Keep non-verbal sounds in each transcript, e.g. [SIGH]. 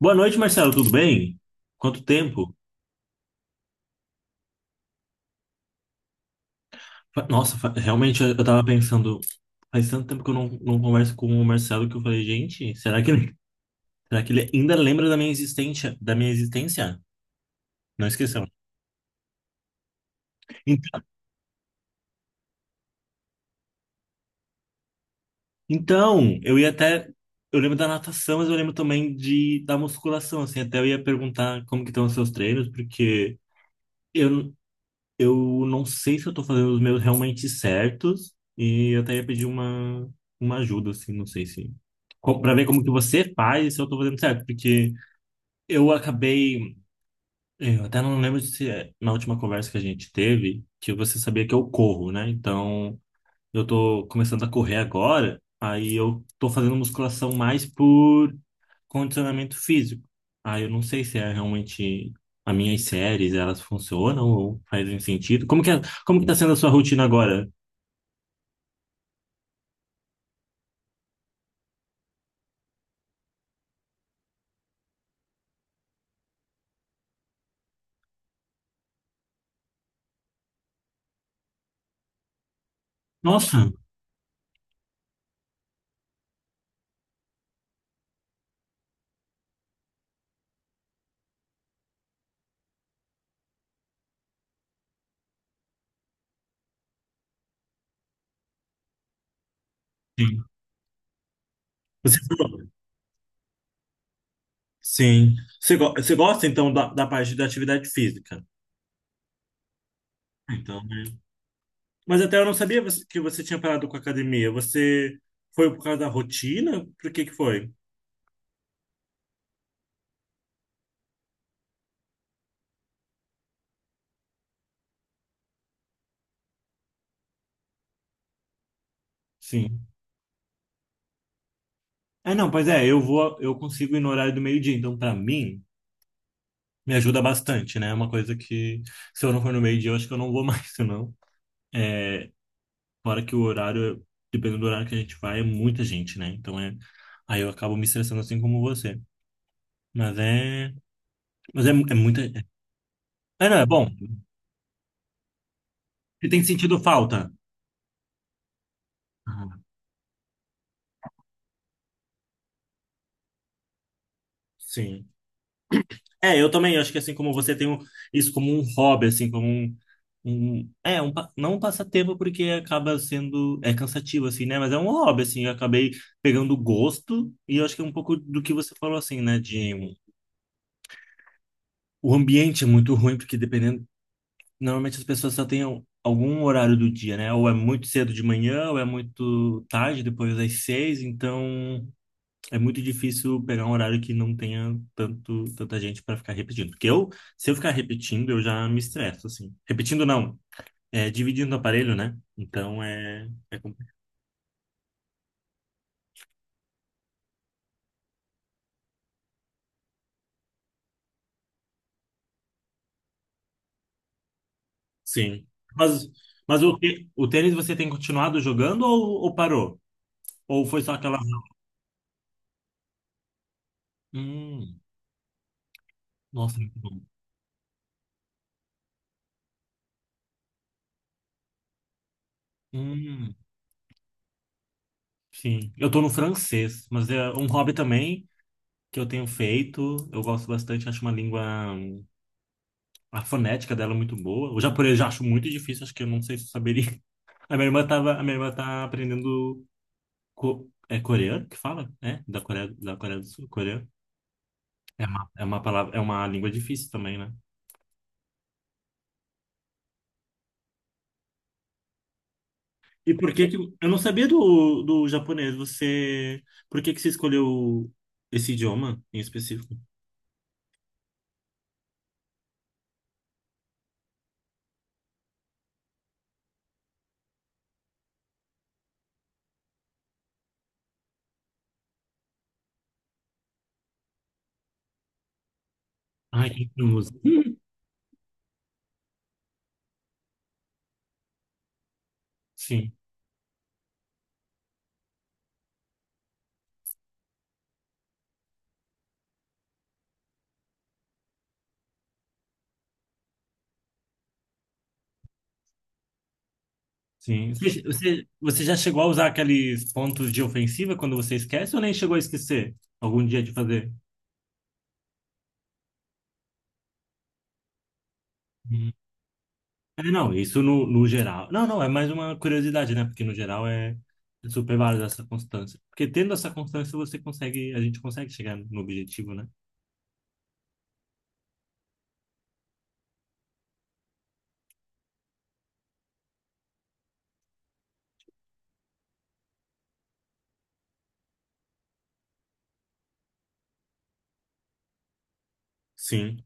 Boa noite, Marcelo, tudo bem? Quanto tempo? Nossa, realmente eu tava pensando, faz tanto tempo que eu não converso com o Marcelo que eu falei, gente, será que ele ainda lembra da minha existência, Não esqueceu. Ent- Então, eu lembro da natação, mas eu lembro também de da musculação, assim, até eu ia perguntar como que estão os seus treinos, porque eu, eu não sei se eu tô fazendo os meus realmente certos e eu até ia pedir uma ajuda, assim, não sei se... Pra ver como que você faz e se eu tô fazendo certo, porque eu acabei... Eu até não lembro se é na última conversa que a gente teve que você sabia que eu corro, né? Então, eu tô começando a correr agora, aí eu tô fazendo musculação mais por condicionamento físico. Aí eu não sei se é realmente as minhas séries, elas funcionam ou fazem sentido. Como que tá sendo a sua rotina agora? Nossa, sim. Você falou. Sim. Você gosta então da parte da atividade física? Então, né? Mas até eu não sabia que você tinha parado com a academia. Você foi por causa da rotina? Por que que foi? Sim. É, não, pois é, eu consigo ir no horário do meio-dia, então pra mim me ajuda bastante, né? É uma coisa que se eu não for no meio-dia, eu acho que eu não vou mais, [LAUGHS] senão. É, fora que o horário, dependendo do horário que a gente vai, é muita gente, né? Aí eu acabo me estressando assim como você. Mas é, É muita. Não, é bom. Você tem sentido falta. Ah, sim. É, eu também acho que assim como isso como um hobby, assim, como um- é, um, pa- não um passatempo porque acaba sendo, é cansativo, assim, né? Mas é um hobby, assim, eu acabei pegando gosto e eu acho que é um pouco do que você falou, assim, né? De o ambiente é muito ruim porque dependendo, normalmente as pessoas só têm algum horário do dia, né? Ou é muito cedo de manhã, ou é muito tarde, depois das seis, então é muito difícil pegar um horário que não tenha tanta gente para ficar repetindo. Porque eu, se eu ficar repetindo, eu já me estresso, assim. Repetindo não, é dividindo o aparelho, né? Então é complicado. Sim. Mas, o tênis você tem continuado jogando, ou parou? Ou foi só aquela. Hum, nossa, muito bom. Hum, sim. Eu tô no francês, mas é um hobby também que eu tenho feito. Eu gosto bastante, acho uma língua. Hum, a fonética dela é muito boa. O japonês eu já acho muito difícil, acho que eu não sei se eu saberia. A minha irmã tá aprendendo é coreano que fala, né? Da Coreia, da Coreia do Sul, coreano. É uma palavra, é uma língua difícil também, né? E por que que eu não sabia do japonês? Por que que você escolheu esse idioma em específico? Ah, quem não usa? Sim, sim. Você já chegou a usar aqueles pontos de ofensiva quando você esquece ou nem chegou a esquecer algum dia de fazer? É, não, isso no geral. Não, não, é mais uma curiosidade, né? Porque no geral é super válido essa constância. Porque tendo essa constância, a gente consegue chegar no objetivo, né? Sim.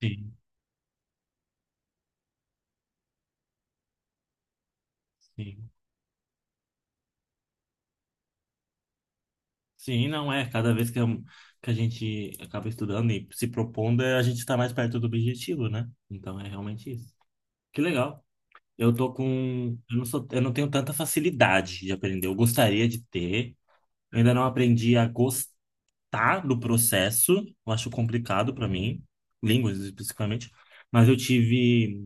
Sim, sim. Sim, não é. Cada vez que, eu- que a gente acaba estudando e se propondo, é, a gente está mais perto do objetivo, né? Então é realmente isso. Que legal. Eu tô com. Eu não sou, eu não tenho tanta facilidade de aprender. Eu gostaria de ter. Eu ainda não aprendi a gostar tá do processo, eu acho complicado para mim, línguas especificamente, mas eu tive,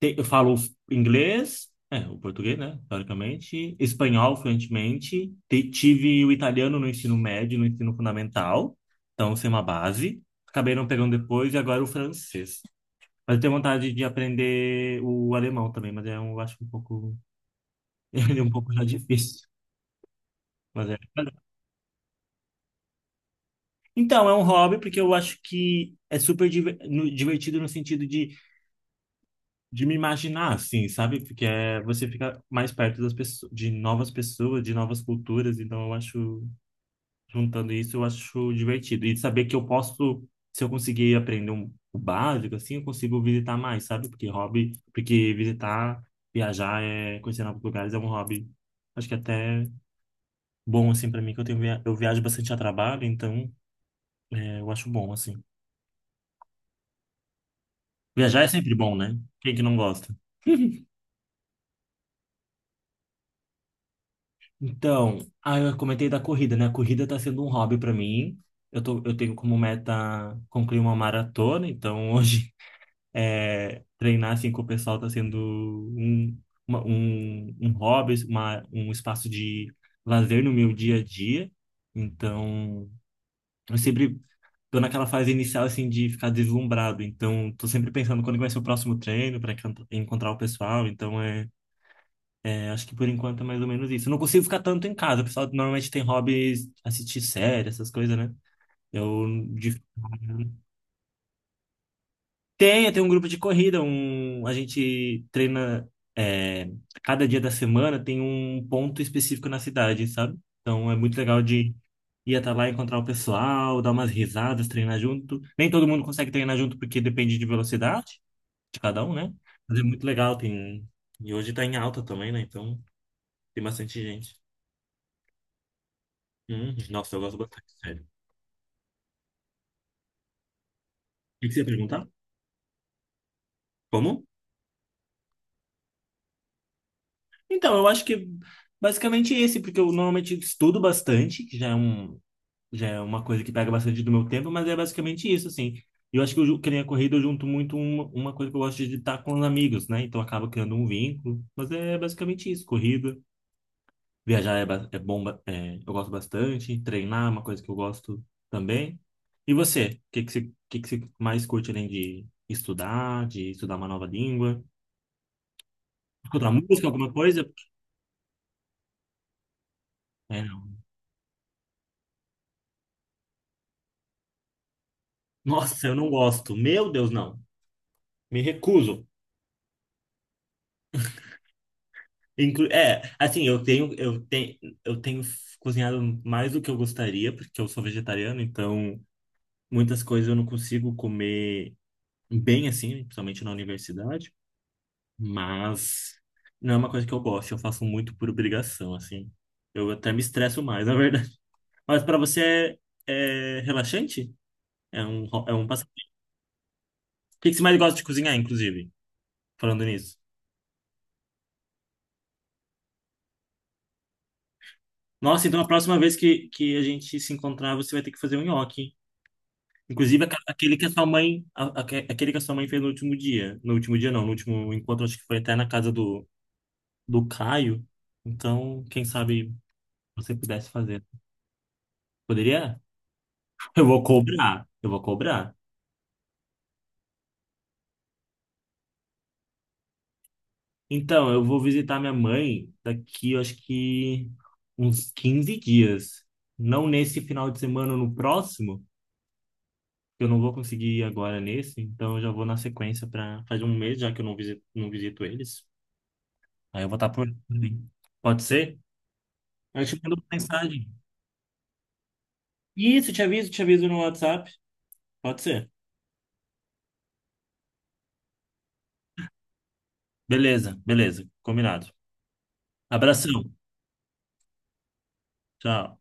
te- eu falo inglês, é, o português, né, teoricamente, espanhol fluentemente, tive o italiano no ensino médio, no ensino fundamental, então isso é uma base, acabei não pegando depois e agora o francês. Mas eu tenho vontade de aprender o alemão também, mas eu acho um pouco, [LAUGHS] ele é um pouco já difícil, mas é então, é um hobby porque eu acho que é super divertido no sentido de me imaginar assim, sabe? Porque é, você fica mais perto das pessoas, de novas culturas, então eu acho, juntando isso, eu acho divertido. E saber que eu posso, se eu conseguir aprender o básico, assim, eu consigo visitar mais, sabe? Porque hobby, porque visitar, viajar, é, conhecer novos lugares é um hobby, acho que é até bom, assim, pra mim, que eu tenho, eu viajo bastante a trabalho, então é, eu acho bom, assim. Viajar é sempre bom, né? Quem que não gosta? Então, ah, eu comentei da corrida, né? A corrida tá sendo um hobby para mim. Eu tenho como meta concluir uma maratona, então hoje [LAUGHS] é, treinar assim com o pessoal tá sendo um, um hobby, um espaço de lazer no meu dia a dia. Então, eu sempre tô naquela fase inicial assim de ficar deslumbrado, então tô sempre pensando quando que vai ser o próximo treino para encontrar o pessoal, então acho que por enquanto é mais ou menos isso. Eu não consigo ficar tanto em casa. O pessoal normalmente tem hobbies, assistir série, essas coisas, né? Eu de- Tem, tem um grupo de corrida, a gente treina é, cada dia da semana tem um ponto específico na cidade, sabe? Então é muito legal de ir até lá encontrar o pessoal, dar umas risadas, treinar junto. Nem todo mundo consegue treinar junto porque depende de velocidade de cada um, né? Mas é muito legal, tem e hoje tá em alta também, né? Então tem bastante gente. Nossa, eu gosto bastante, sério. O que que você ia perguntar? Como? Então, eu acho que basicamente esse, porque eu normalmente estudo bastante, que já é uma coisa que pega bastante do meu tempo, mas é basicamente isso, assim. E eu acho que nem a corrida eu junto muito uma coisa que eu gosto de estar com os amigos, né? Então acaba criando um vínculo, mas é basicamente isso, corrida. Viajar é eu gosto bastante, treinar é uma coisa que eu gosto também. E você? O que que você mais curte além de estudar uma nova língua? Escutar música, alguma coisa? É, não. Nossa, eu não gosto. Meu Deus, não. Me recuso. Eu tenho, eu tenho, eu tenho cozinhado mais do que eu gostaria, porque eu sou vegetariano, então muitas coisas eu não consigo comer bem assim, principalmente na universidade, mas não é uma coisa que eu gosto, eu faço muito por obrigação, assim. Eu até me estresso mais, [LAUGHS] na verdade. Mas para você é relaxante? É um passatempo. O que que você mais gosta de cozinhar, inclusive? Falando nisso. Nossa, então a próxima vez que a gente se encontrar, você vai ter que fazer um nhoque. Inclusive aquele que a sua mãe fez no último dia. No último dia não, no último encontro, acho que foi até na casa do Caio. Então, quem sabe você pudesse fazer. Poderia? Eu vou cobrar. Então, eu vou visitar minha mãe daqui, eu acho que uns 15 dias. Não nesse final de semana, no próximo. Eu não vou conseguir ir agora nesse, então eu já vou na sequência para faz um mês já que eu não visito, não visito eles. Aí eu vou estar por ali. Pode ser? Aí eu te mando uma mensagem. Isso, te aviso no WhatsApp. Pode ser. Beleza, beleza. Combinado. Abração. Tchau.